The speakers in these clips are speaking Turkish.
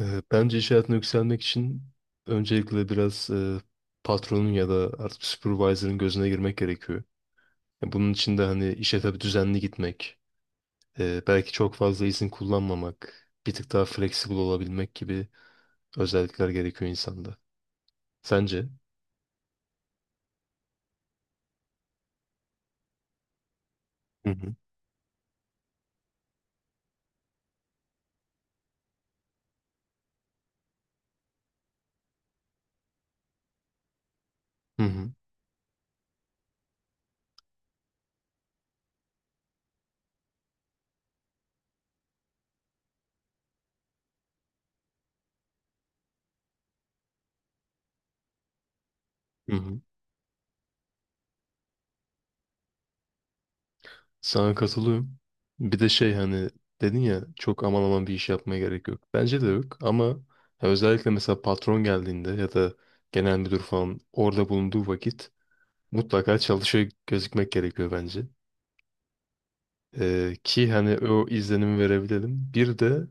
Bence iş hayatına yükselmek için öncelikle biraz patronun ya da artık supervisor'ın gözüne girmek gerekiyor. Ya bunun için de hani işe tabii düzenli gitmek, belki çok fazla izin kullanmamak, bir tık daha flexible olabilmek gibi özellikler gerekiyor insanda. Sence? Hı hı. Hı hı. Hı hı. Sana katılıyorum. Bir de şey hani dedin ya çok aman aman bir iş yapmaya gerek yok. Bence de yok ama ya özellikle mesela patron geldiğinde ya da genel müdür falan orada bulunduğu vakit mutlaka çalışıyor gözükmek gerekiyor bence. Ki hani o izlenimi verebilelim. Bir de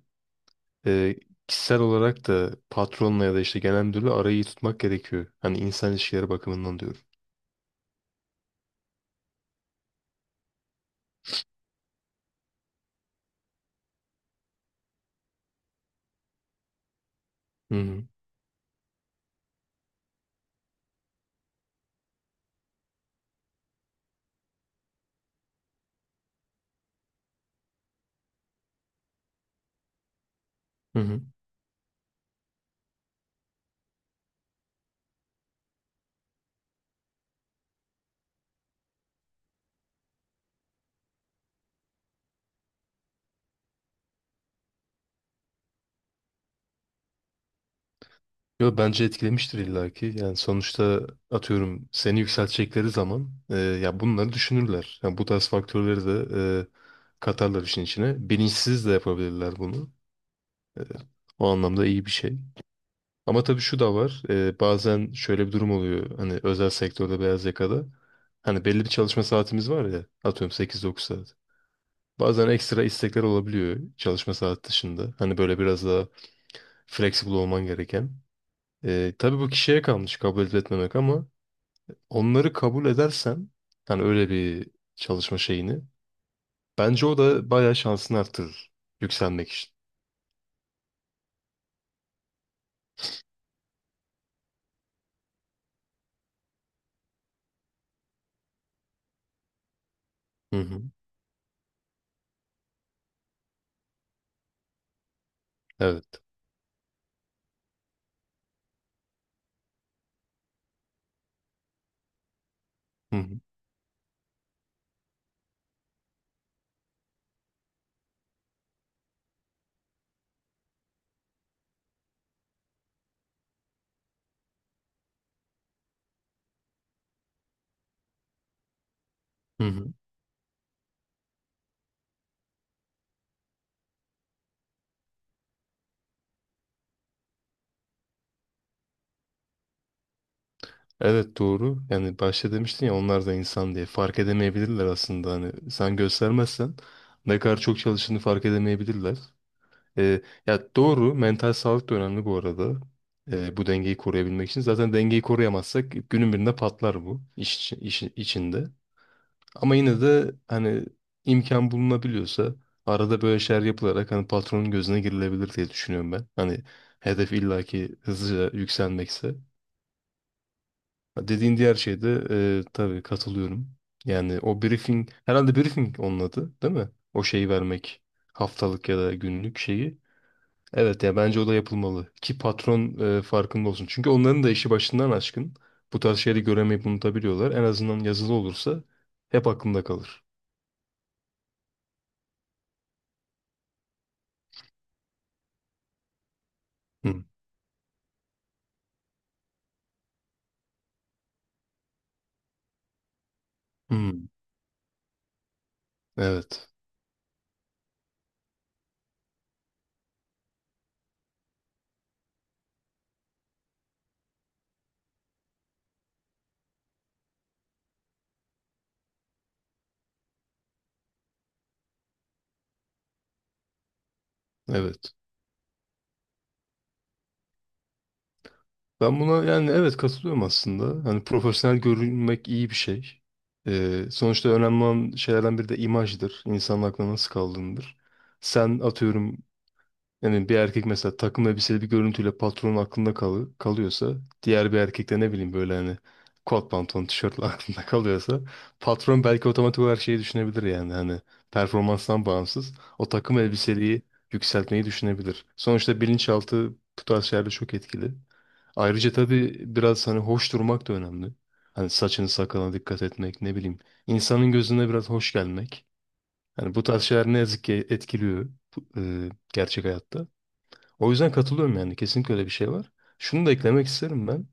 e, kişisel olarak da patronla ya da işte genel müdürle arayı iyi tutmak gerekiyor. Hani insan ilişkileri bakımından diyorum. Hı hı. Hı hı. Yo, bence etkilemiştir illaki. Yani sonuçta atıyorum seni yükseltecekleri zaman ya bunları düşünürler. Yani bu tarz faktörleri de katarlar işin içine. Bilinçsiz de yapabilirler bunu. E, O anlamda iyi bir şey. Ama tabii şu da var. Bazen şöyle bir durum oluyor. Hani özel sektörde beyaz yakada. Hani belli bir çalışma saatimiz var ya. Atıyorum 8-9 saat. Bazen ekstra istekler olabiliyor çalışma saat dışında. Hani böyle biraz daha flexible olman gereken. Tabii bu kişiye kalmış kabul edip etmemek ama onları kabul edersen hani öyle bir çalışma şeyini bence o da bayağı şansını arttırır yükselmek için. Hı hı. Evet. Hı hı. Hı hı. Evet, doğru. Yani başta demiştin ya onlar da insan diye. Fark edemeyebilirler aslında. Hani sen göstermezsen ne kadar çok çalıştığını fark edemeyebilirler. Ya doğru. Mental sağlık da önemli bu arada. Bu dengeyi koruyabilmek için. Zaten dengeyi koruyamazsak günün birinde patlar bu iş, iş içinde. Ama yine de hani imkan bulunabiliyorsa arada böyle şeyler yapılarak hani patronun gözüne girilebilir diye düşünüyorum ben. Hani hedef illaki hızlıca yükselmekse. Dediğin diğer şeyde tabii katılıyorum. Yani o briefing, herhalde briefing onun adı, değil mi? O şeyi vermek, haftalık ya da günlük şeyi. Evet, ya bence o da yapılmalı ki patron farkında olsun. Çünkü onların da işi başından aşkın. Bu tarz şeyleri göremeyip unutabiliyorlar. En azından yazılı olursa hep aklında kalır. Hı. Hı. Evet. Evet. Ben buna yani evet katılıyorum aslında. Hani profesyonel görünmek iyi bir şey. Sonuçta önemli olan şeylerden biri de imajdır. İnsanın aklına nasıl kaldığındır. Sen atıyorum yani bir erkek mesela takım elbiseli bir görüntüyle patronun aklında kalıyorsa diğer bir erkek de ne bileyim böyle hani kot pantolon tişörtle aklında kalıyorsa patron belki otomatik olarak şeyi düşünebilir yani hani performanstan bağımsız o takım elbiseliği yükseltmeyi düşünebilir. Sonuçta bilinçaltı bu tarz şeylerde çok etkili. Ayrıca tabii biraz hani hoş durmak da önemli. Hani saçını sakalına dikkat etmek, ne bileyim, insanın gözüne biraz hoş gelmek. Hani bu tarz şeyler ne yazık ki etkiliyor bu- gerçek hayatta. O yüzden katılıyorum yani. Kesinlikle öyle bir şey var. Şunu da eklemek isterim ben.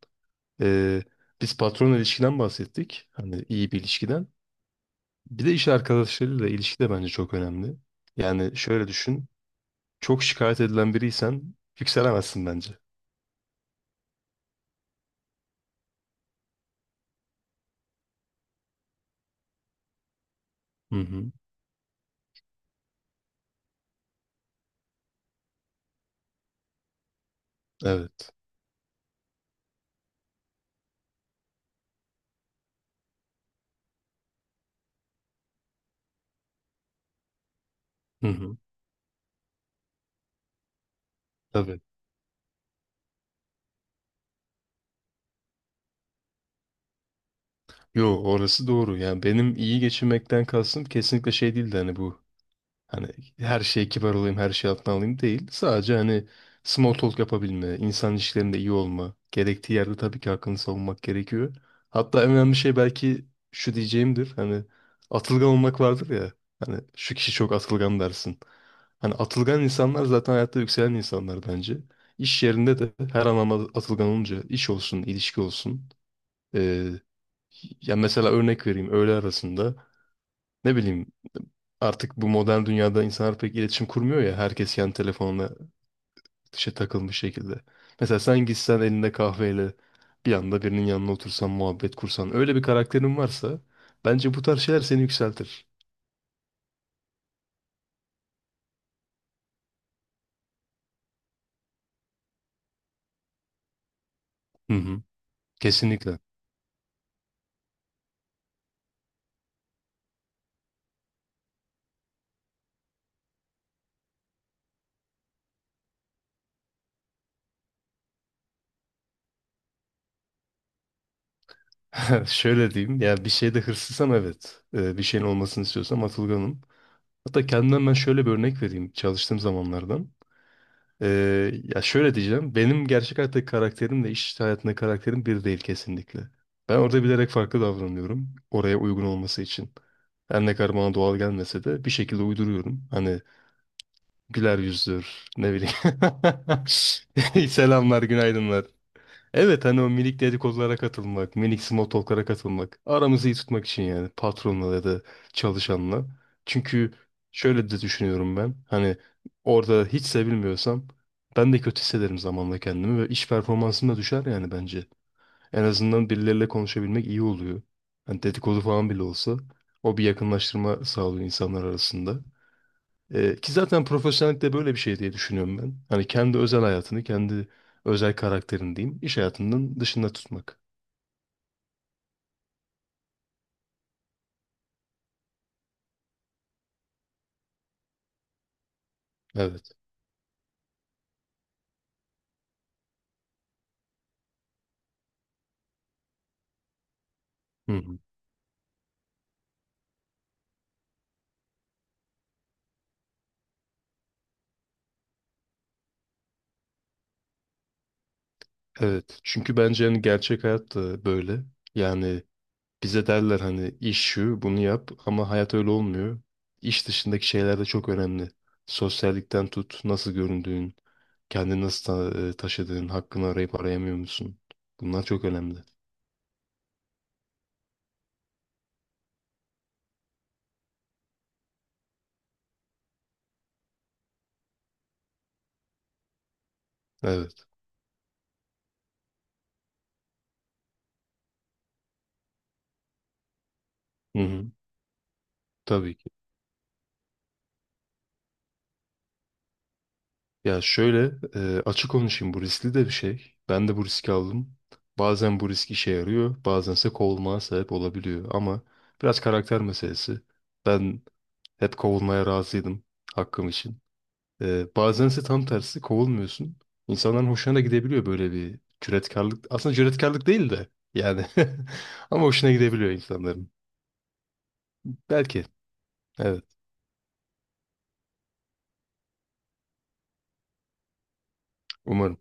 Ee, Biz patron ilişkiden bahsettik. Hani iyi bir ilişkiden. Bir de iş arkadaşlarıyla ilişki de bence çok önemli. Yani şöyle düşün. Çok şikayet edilen biriysen yükselemezsin bence. Hı hı. Evet. Hı hı. Tabii. Yo, orası doğru. Yani benim iyi geçinmekten kastım kesinlikle şey değildi hani bu, hani her şeye kibar olayım, her şeyi altına alayım değil. Sadece hani small talk yapabilme, insan ilişkilerinde iyi olma. Gerektiği yerde tabii ki hakkını savunmak gerekiyor. Hatta en önemli şey belki şu diyeceğimdir. Hani atılgan olmak vardır ya. Hani şu kişi çok atılgan dersin. Hani atılgan insanlar zaten hayatta yükselen insanlar bence. İş yerinde de her anlamda atılgan olunca iş olsun, ilişki olsun. Ee, Ya mesela örnek vereyim, öğle arasında, ne bileyim, artık bu modern dünyada insanlar pek iletişim kurmuyor ya. Herkes kendi telefonuna dışa takılmış şekilde. Mesela sen gitsen elinde kahveyle bir anda birinin yanına otursan, muhabbet kursan. Öyle bir karakterin varsa bence bu tarz şeyler seni yükseltir. Hı hı. Kesinlikle. Şöyle diyeyim. Ya bir şeyde hırslısam evet. Bir şeyin olmasını istiyorsam atılganım. Hatta kendimden ben şöyle bir örnek vereyim çalıştığım zamanlardan. Ya şöyle diyeceğim. Benim gerçek hayattaki karakterimle iş hayatındaki karakterim bir değil kesinlikle. Ben orada bilerek farklı davranıyorum. Oraya uygun olması için. Her ne kadar bana doğal gelmese de bir şekilde uyduruyorum. Hani güler yüzdür, ne bileyim. Selamlar, günaydınlar. Evet, hani o minik dedikodulara katılmak, minik small talk'lara katılmak. Aramızı iyi tutmak için yani patronla ya da çalışanla. Çünkü şöyle de düşünüyorum ben. Hani orada hiç sevilmiyorsam ben de kötü hissederim zamanla kendimi ve iş performansım da düşer yani bence. En azından birileriyle konuşabilmek iyi oluyor. Hani dedikodu falan bile olsa o bir yakınlaştırma sağlıyor insanlar arasında. Ki zaten profesyonellikte böyle bir şey diye düşünüyorum ben. Hani kendi özel hayatını, kendi özel karakterini diyeyim, iş hayatının dışında tutmak. Evet. Hı hı. Evet. Çünkü bence hani gerçek hayat da böyle. Yani bize derler hani iş şu, bunu yap ama hayat öyle olmuyor. İş dışındaki şeyler de çok önemli. Sosyallikten tut, nasıl göründüğün, kendini nasıl taşıdığın, hakkını arayıp arayamıyor musun? Bunlar çok önemli. Evet. Hı hı. Tabii ki. Ya şöyle açık konuşayım, bu riskli de bir şey. Ben de bu riski aldım. Bazen bu risk işe yarıyor, bazense kovulmaya sebep olabiliyor. Ama biraz karakter meselesi. Ben hep kovulmaya razıydım hakkım için. Bazense tam tersi kovulmuyorsun. İnsanların hoşuna da gidebiliyor böyle bir cüretkarlık. Aslında cüretkarlık değil de yani ama hoşuna gidebiliyor insanların. Belki. Evet, umarım.